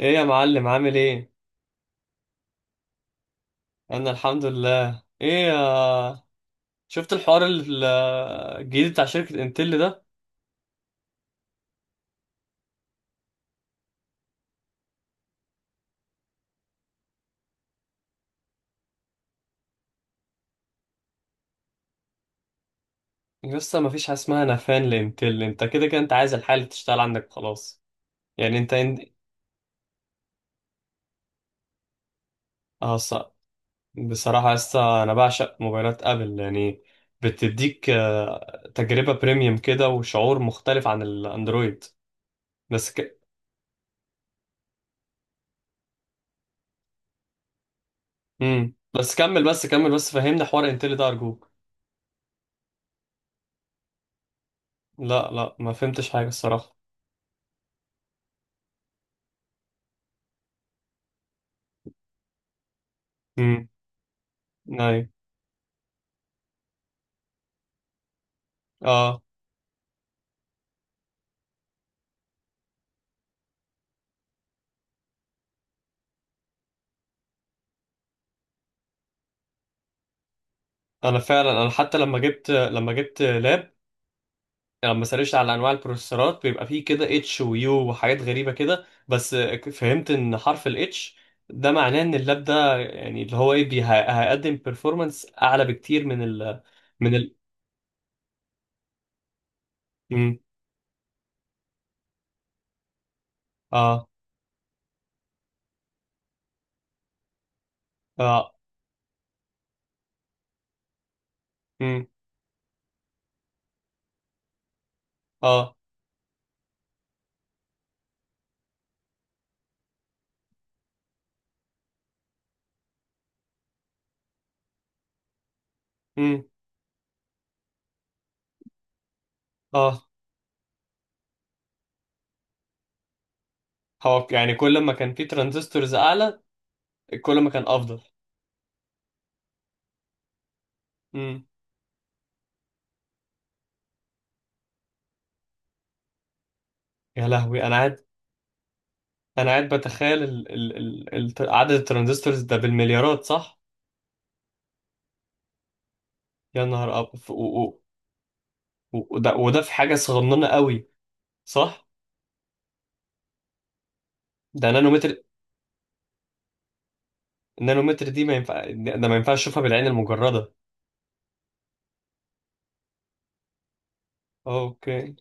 ايه يا معلم؟ عامل ايه؟ انا الحمد لله. ايه يا شفت الحوار الجديد بتاع شركة انتل ده؟ لسه ما فيش حاجه اسمها نفان لانتل، انت كده كده انت عايز الحاجه اللي تشتغل عندك خلاص. يعني اه ص- بصراحه لسه انا بعشق موبايلات ابل يعني. بتديك تجربه بريميوم كده وشعور مختلف عن الاندرويد. بس ك... بس كمل بس كمل بس فهمنا حوار انتل ده ارجوك. لا لا، ما فهمتش حاجه الصراحه. امم ايوه. اه. انا فعلا، انا حتى لما جبت لاب، يعني لما سرشت على انواع البروسيسورات بيبقى فيه كده اتش ويو وحاجات غريبه كده. بس فهمت ان حرف الاتش ده معناه ان اللاب ده يعني اللي هو هيقدم بيرفورمانس اعلى بكتير من ال. مم. اه. اه. مم. اه. مم. اه. هو يعني كل ما كان فيه ترانزستورز اعلى، كل ما كان افضل. مم. يا لهوي، انا قاعد، انا قاعد بتخيل عدد الترانزستورز ده بالمليارات، صح؟ يا نهار أب... ف- و... و... وده... وده في حاجة صغننة قوي، صح؟ ده نانومتر، النانومتر دي ما ينفع، ما ينفعش اشوفها بالعين المجردة. اوكي.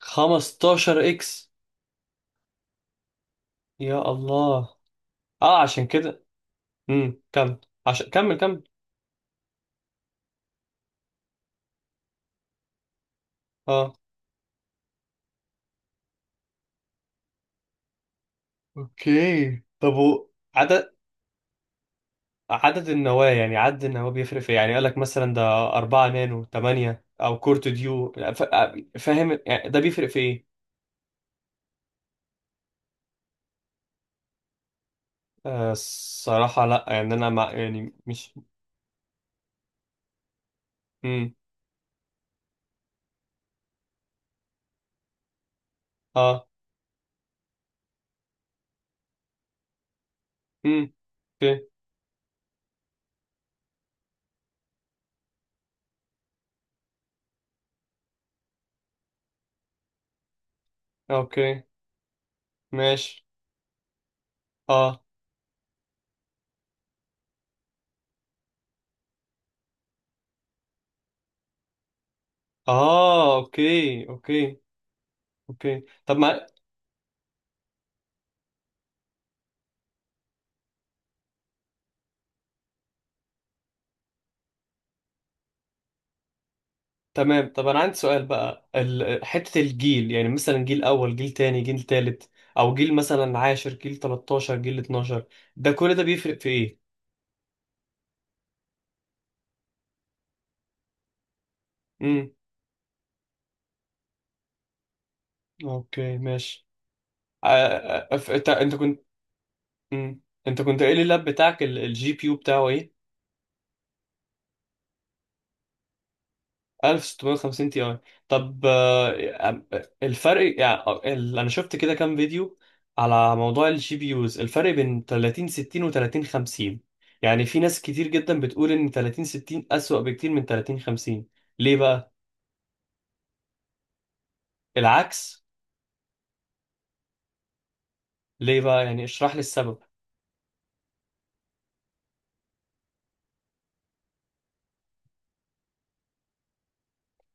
15 اكس؟ يا الله. اه، عشان كده. كمل، عشان كمل اه. اوكي، عدد، عدد النواة يعني عدد النواة بيفرق في إيه؟ يعني قال لك مثلا ده 4 نانو 8 او كورت ديو فاهم؟ يعني ده بيفرق في ايه؟ آه الصراحة لا، يعني انا يعني مش. اه. امم اوكي، اوكي، ماشي. اه. اه، اوكي اوكي. اوكي طب ما تمام. طب انا عندي سؤال بقى، حتة الجيل، يعني مثلا جيل اول جيل تاني جيل تالت، او جيل مثلا عاشر، جيل 13 جيل 12، ده كل ده بيفرق في ايه؟ امم اوكي، ماشي. آه... انت كنت، امم انت كنت قايل لي اللاب بتاعك الجي بي يو بتاعه ايه. 1650 تي اي. طب الفرق يعني انا شفت كده كام فيديو على موضوع الجي بي يوز، الفرق بين 30 60 و 30 50. يعني في ناس كتير جدا بتقول ان 30 60 اسوأ بكتير من 30 50، ليه بقى؟ العكس؟ ليه بقى؟ يعني اشرح لي السبب.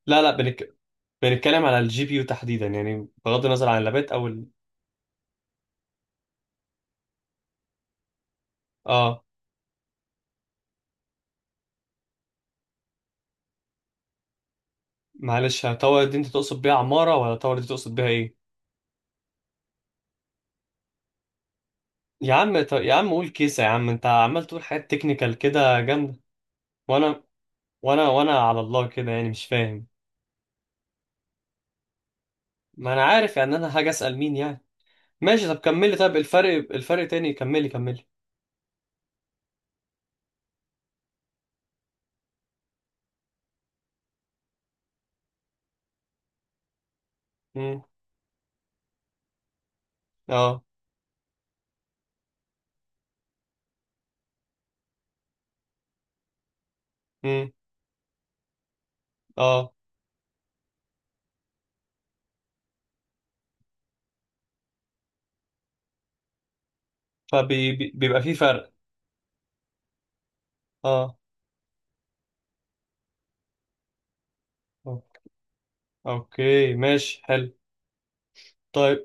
لا لا بنك... بنتكلم على الجي بي يو تحديدا، يعني بغض النظر عن اللابات اه. معلش، طور دي انت تقصد بيها عمارة ولا طور دي تقصد بيها ايه؟ يا عم يا عم قول كيسة يا عم، انت عمال تقول حاجات تكنيكال كده جامدة. وانا، وانا على الله كده يعني مش فاهم. ما انا عارف، يعني انا حاجة اسأل مين يعني؟ ماشي، طب كملي، طب الفرق، الفرق تاني، كملي كملي. امم اه. امم اه. فبيبقى في فرق. اه. اه. اوكي ماشي حلو. طيب،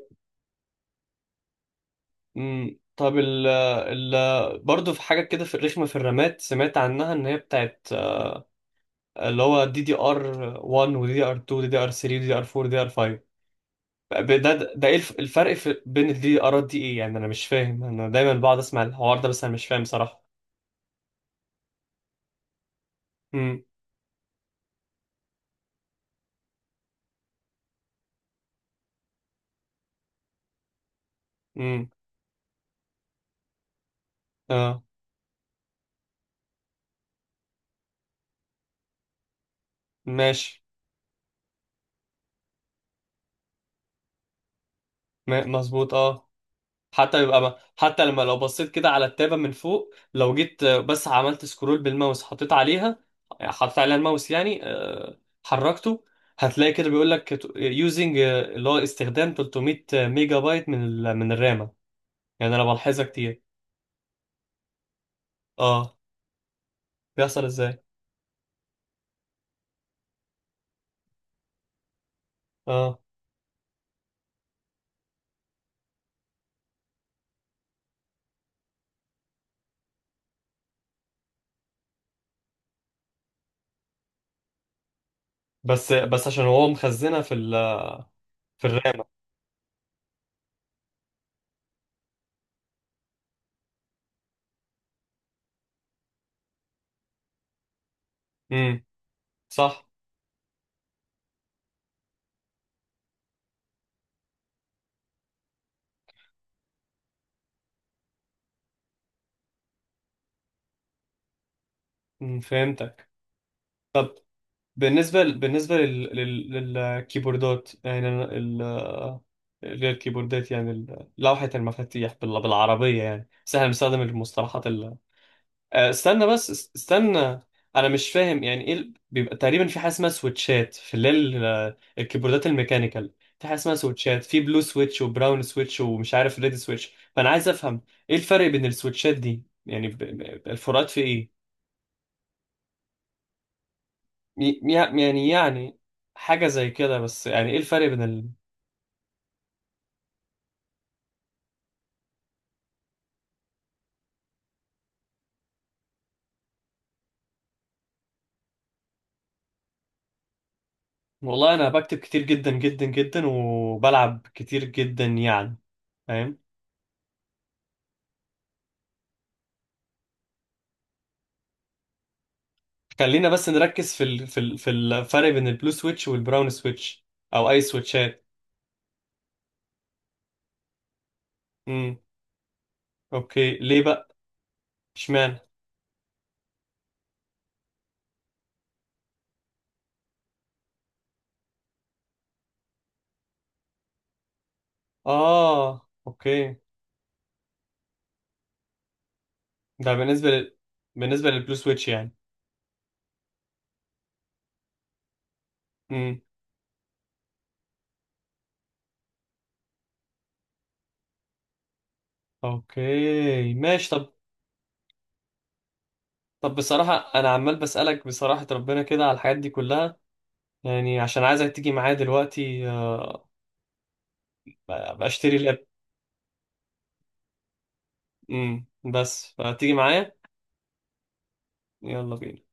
طب ال برضه في حاجة كده في الرخمة في الرامات سمعت عنها ان هي بتاعت اللي هو دي دي ار 1 ودي دي ار 2 ودي دي ار 3 ودي دي ار 4 ودي دي ار 5. الفرق في بين دي ارات دي ايه يعني؟ انا مش فاهم، انا دايما بقعد اسمع الحوار ده بس انا مش فاهم صراحة. امم امم اه. ماشي. مظبوط اه. حتى يبقى ما حتى لما لو بصيت كده على التابة من فوق، لو جيت بس عملت سكرول بالماوس، حطيت عليها، حطيت عليها الماوس يعني، حركته، هتلاقي كده بيقول لك يوزنج، اللي هو استخدام 300 ميجا بايت من الرامة. يعني انا بلاحظها كتير. اه، بيحصل ازاي؟ اه. بس بس عشان هو مخزنها في الرامة. امم صح. فهمتك. طب بالنسبة، للكيبوردات، يعني أنا غير الكيبوردات يعني لوحة المفاتيح بالعربية يعني، بس احنا بنستخدم المصطلحات. استنى بس، استنى، انا مش فاهم يعني ايه بيبقى تقريبا في حاجه اسمها سويتشات في اللي هي الكيبوردات الميكانيكال، في حاجه اسمها سويتشات، في بلو سويتش وبراون سويتش ومش عارف ريد سويتش، فانا عايز افهم ايه الفرق بين السويتشات دي؟ يعني الفروقات في ايه؟ يعني حاجه زي كده، بس يعني ايه الفرق بين والله انا بكتب كتير جدا جدا جدا وبلعب كتير جدا يعني، فاهم. خلينا بس نركز في الفرق بين البلو سويتش والبراون سويتش، او اي سويتشات. امم اوكي، ليه بقى؟ اشمعنى؟ اه اوكي. ده بالنسبه بالنسبه للبلو سويتش يعني. امم اوكي ماشي. طب، طب بصراحه انا عمال بسالك، بصراحه ربنا كده على الحاجات دي كلها، يعني عشان عايزك تيجي معايا دلوقتي ابقى اشتري الاب. بس فتيجي معايا. يلا بينا.